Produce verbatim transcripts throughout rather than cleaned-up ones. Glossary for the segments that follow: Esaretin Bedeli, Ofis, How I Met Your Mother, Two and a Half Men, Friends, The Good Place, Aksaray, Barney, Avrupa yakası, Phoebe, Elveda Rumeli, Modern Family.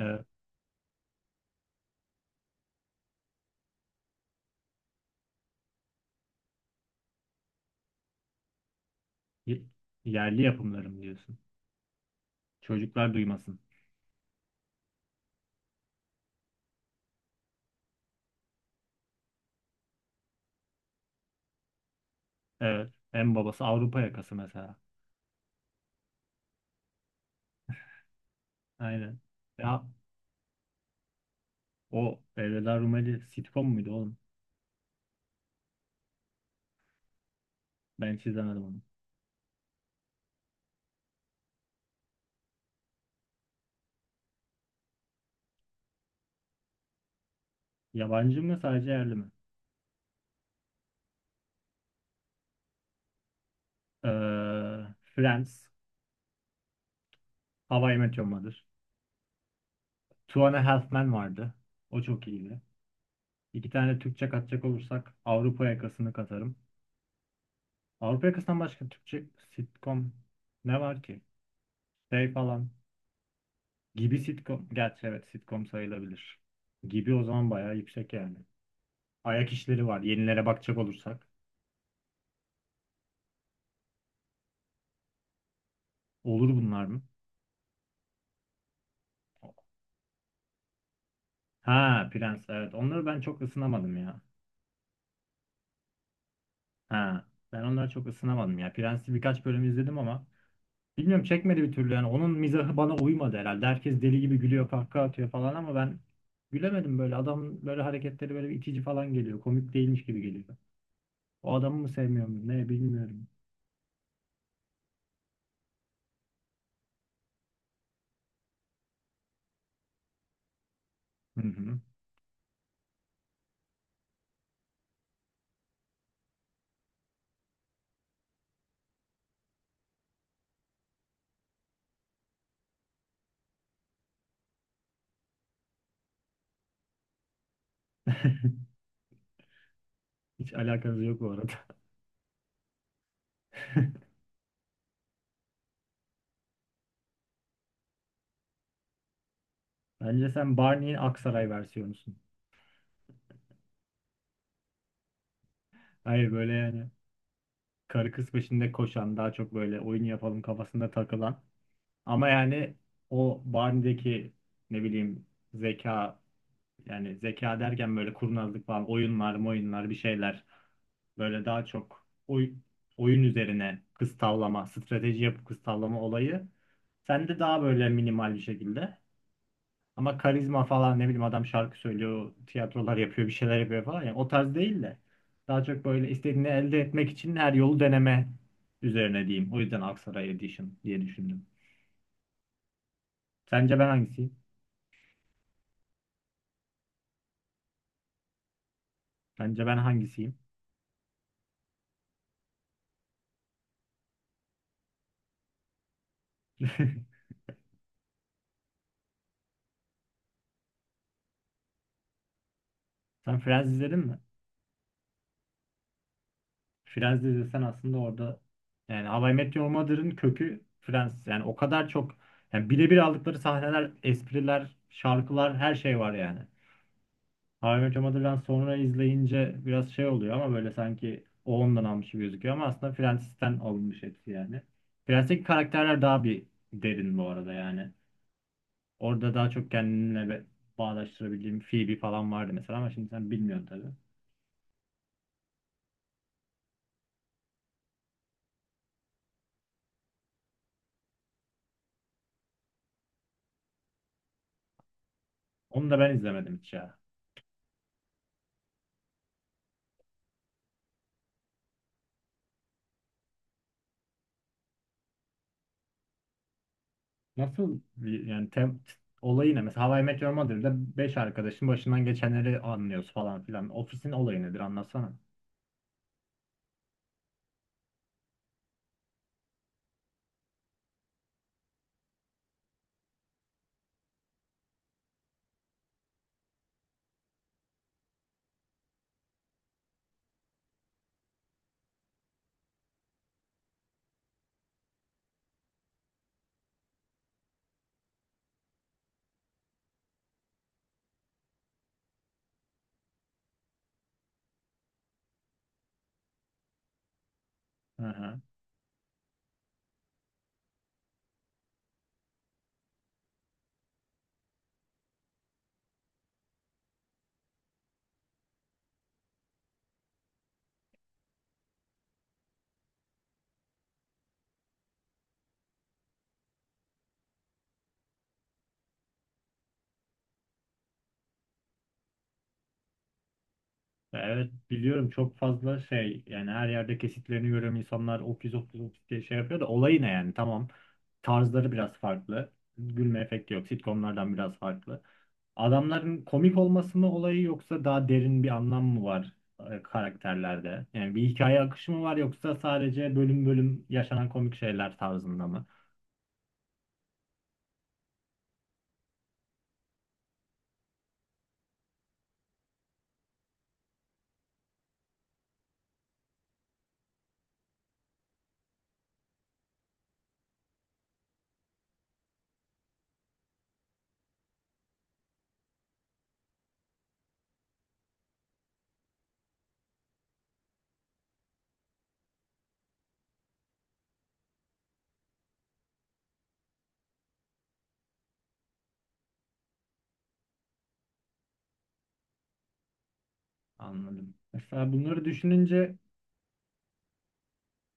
Evet. Y- Yerli yapımlarım diyorsun. Çocuklar duymasın. Evet. En babası Avrupa yakası mesela. Aynen. Ya, o Elveda Rumeli sitcom muydu oğlum? Ben hiç izlemedim onu. Yabancı mı sadece yerli mi? Ee, Friends. How I Met Your Mother. Two and a Half Men vardı. O çok iyiydi. İki tane Türkçe katacak olursak Avrupa yakasını katarım. Avrupa yakasından başka Türkçe sitcom ne var ki? Şey falan. Gibi sitcom. Gerçi evet sitcom sayılabilir. Gibi o zaman bayağı yüksek yani. Ayak işleri var. Yenilere bakacak olursak. Olur bunlar mı? Ha, Prens evet. Onları ben çok ısınamadım ya. Ha, ben onları çok ısınamadım ya. Prens'i birkaç bölüm izledim ama bilmiyorum çekmedi bir türlü yani. Onun mizahı bana uymadı herhalde. Herkes deli gibi gülüyor, kahkaha atıyor falan ama ben gülemedim böyle. Adamın böyle hareketleri böyle bir itici falan geliyor. Komik değilmiş gibi geliyor. O adamı mı sevmiyorum ne bilmiyorum. Hı hı. Hiç alakanız yok bu arada. Bence sen Barney'in Aksaray versiyonusun. Hayır böyle yani karı kız peşinde koşan, daha çok böyle oyun yapalım kafasında takılan. Ama yani o Barney'deki ne bileyim zeka, yani zeka derken böyle kurnazlık falan, oyunlar, oyunlar bir şeyler. Böyle daha çok oy, oyun üzerine kız tavlama, strateji yapıp kız tavlama olayı. Sen de daha böyle minimal bir şekilde. Ama karizma falan ne bileyim adam şarkı söylüyor, tiyatrolar yapıyor, bir şeyler yapıyor falan. Yani o tarz değil de daha çok böyle istediğini elde etmek için her yolu deneme üzerine diyeyim. O yüzden Aksaray Edition diye düşündüm. Sence ben hangisiyim? Bence ben hangisiyim? Sen Friends izledin mi? Friends izlesen aslında orada yani How I Met Your Mother'ın kökü Friends. Yani o kadar çok yani birebir aldıkları sahneler, espriler, şarkılar her şey var yani. How I Met Your Mother'dan sonra izleyince biraz şey oluyor ama böyle sanki o ondan almış gibi gözüküyor ama aslında Friends'ten alınmış hepsi yani. Friends'teki karakterler daha bir derin bu arada yani. Orada daha çok kendimle be- bağdaştırabildiğim Phoebe falan vardı mesela ama şimdi sen bilmiyorsun tabii. Onu da ben izlemedim hiç ya. Nasıl bir- yani tem, t- olayı ne? Mesela How I Met Your Mother'da beş arkadaşın başından geçenleri anlıyoruz falan filan. Ofis'in olayı nedir anlatsana. Hı hı. Ya evet biliyorum çok fazla şey yani her yerde kesitlerini görüyorum, insanlar okuz okuz okuz diye şey yapıyor da olay ne yani. Tamam, tarzları biraz farklı, gülme efekti yok sitcomlardan biraz farklı, adamların komik olması mı olayı yoksa daha derin bir anlam mı var e, karakterlerde, yani bir hikaye akışı mı var yoksa sadece bölüm bölüm yaşanan komik şeyler tarzında mı? Anladım. Mesela bunları düşününce,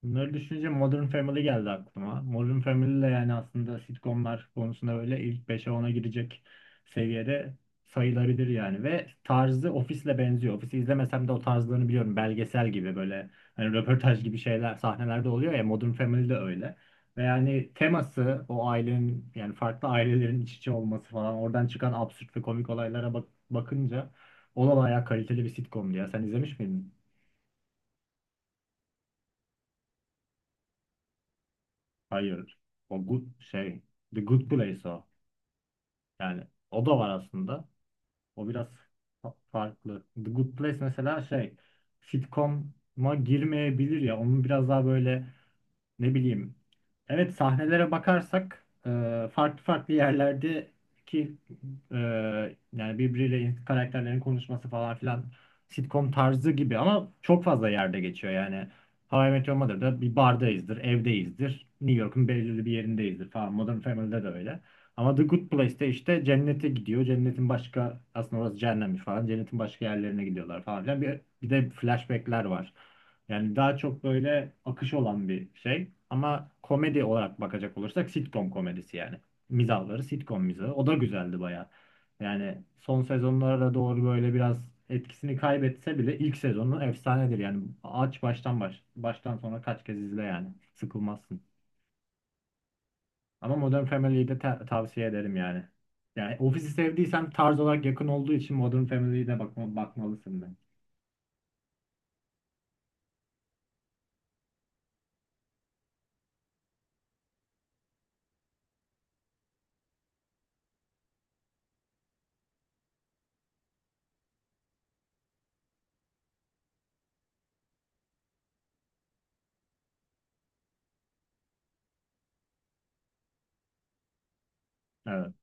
bunları düşününce Modern Family geldi aklıma. Modern Family de yani aslında sitcomlar konusunda böyle ilk beşe ona girecek seviyede sayılarıdır yani. Ve tarzı Office'le benziyor. Office'i izlemesem de o tarzlarını biliyorum. Belgesel gibi böyle hani röportaj gibi şeyler sahnelerde oluyor ya, Modern Family de öyle. Ve yani teması o ailenin, yani farklı ailelerin iç içe olması falan, oradan çıkan absürt ve komik olaylara bak, bakınca o da bayağı kaliteli bir sitcomdu ya. Sen izlemiş miydin? Hayır. O good şey. The Good Place o. Yani o da var aslında. O biraz fa- farklı. The Good Place mesela şey sitcom'a girmeyebilir ya. Onun biraz daha böyle ne bileyim. Evet sahnelere bakarsak e, farklı farklı yerlerdeki, e, yani birbiriyle karakterlerin konuşması falan filan sitcom tarzı gibi ama çok fazla yerde geçiyor yani. How I Met Your Mother'da bir bardayızdır, evdeyizdir, New York'un belirli bir yerindeyizdir falan. Modern Family'de de öyle. Ama The Good Place'te işte cennete gidiyor. Cennetin başka, aslında orası cehennemmiş falan. Cennetin başka yerlerine gidiyorlar falan filan. Bir, bir de flashback'ler var. Yani daha çok böyle akış olan bir şey. Ama komedi olarak bakacak olursak sitcom komedisi yani. Mizahları sitcom mizahı. O da güzeldi bayağı. Yani son sezonlara doğru böyle biraz etkisini kaybetse bile ilk sezonu efsanedir. Yani aç baştan baş. Baştan sonra kaç kez izle yani. Sıkılmazsın. Ama Modern Family'yi de ta- tavsiye ederim yani. Yani Office'i sevdiysen tarz olarak yakın olduğu için Modern Family'ye de bakma bakmalısın ben. Evet.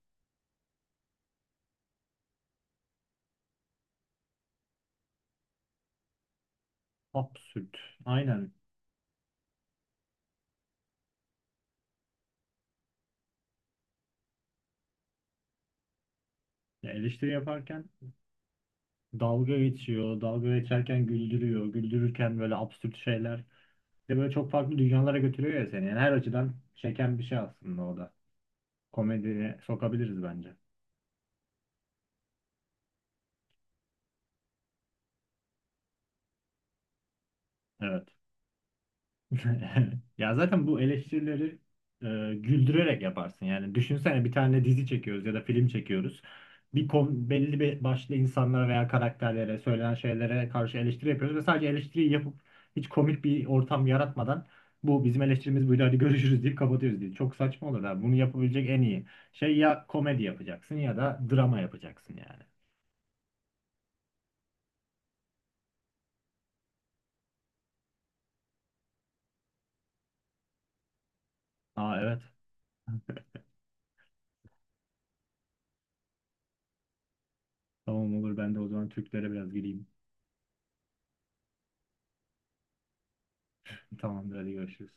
Absürt. Aynen. Ya eleştiri yaparken dalga geçiyor. Dalga geçerken güldürüyor. Güldürürken böyle absürt şeyler. Bir de böyle çok farklı dünyalara götürüyor ya seni. Yani her açıdan çeken bir şey aslında o da. Komediye sokabiliriz bence. Evet. Ya zaten bu eleştirileri e, güldürerek yaparsın. Yani düşünsene bir tane dizi çekiyoruz ya da film çekiyoruz. Bir kon- belli bir başlı insanlara veya karakterlere, söylenen şeylere karşı eleştiri yapıyoruz ve sadece eleştiriyi yapıp hiç komik bir ortam yaratmadan bu bizim eleştirimiz buydu hadi görüşürüz deyip kapatıyoruz diye. Çok saçma olur da, bunu yapabilecek en iyi şey ya komedi yapacaksın ya da drama yapacaksın yani. Aa evet. Tamam olur, ben de o zaman Türklere biraz gireyim. Tamamdır, hadi görüşürüz.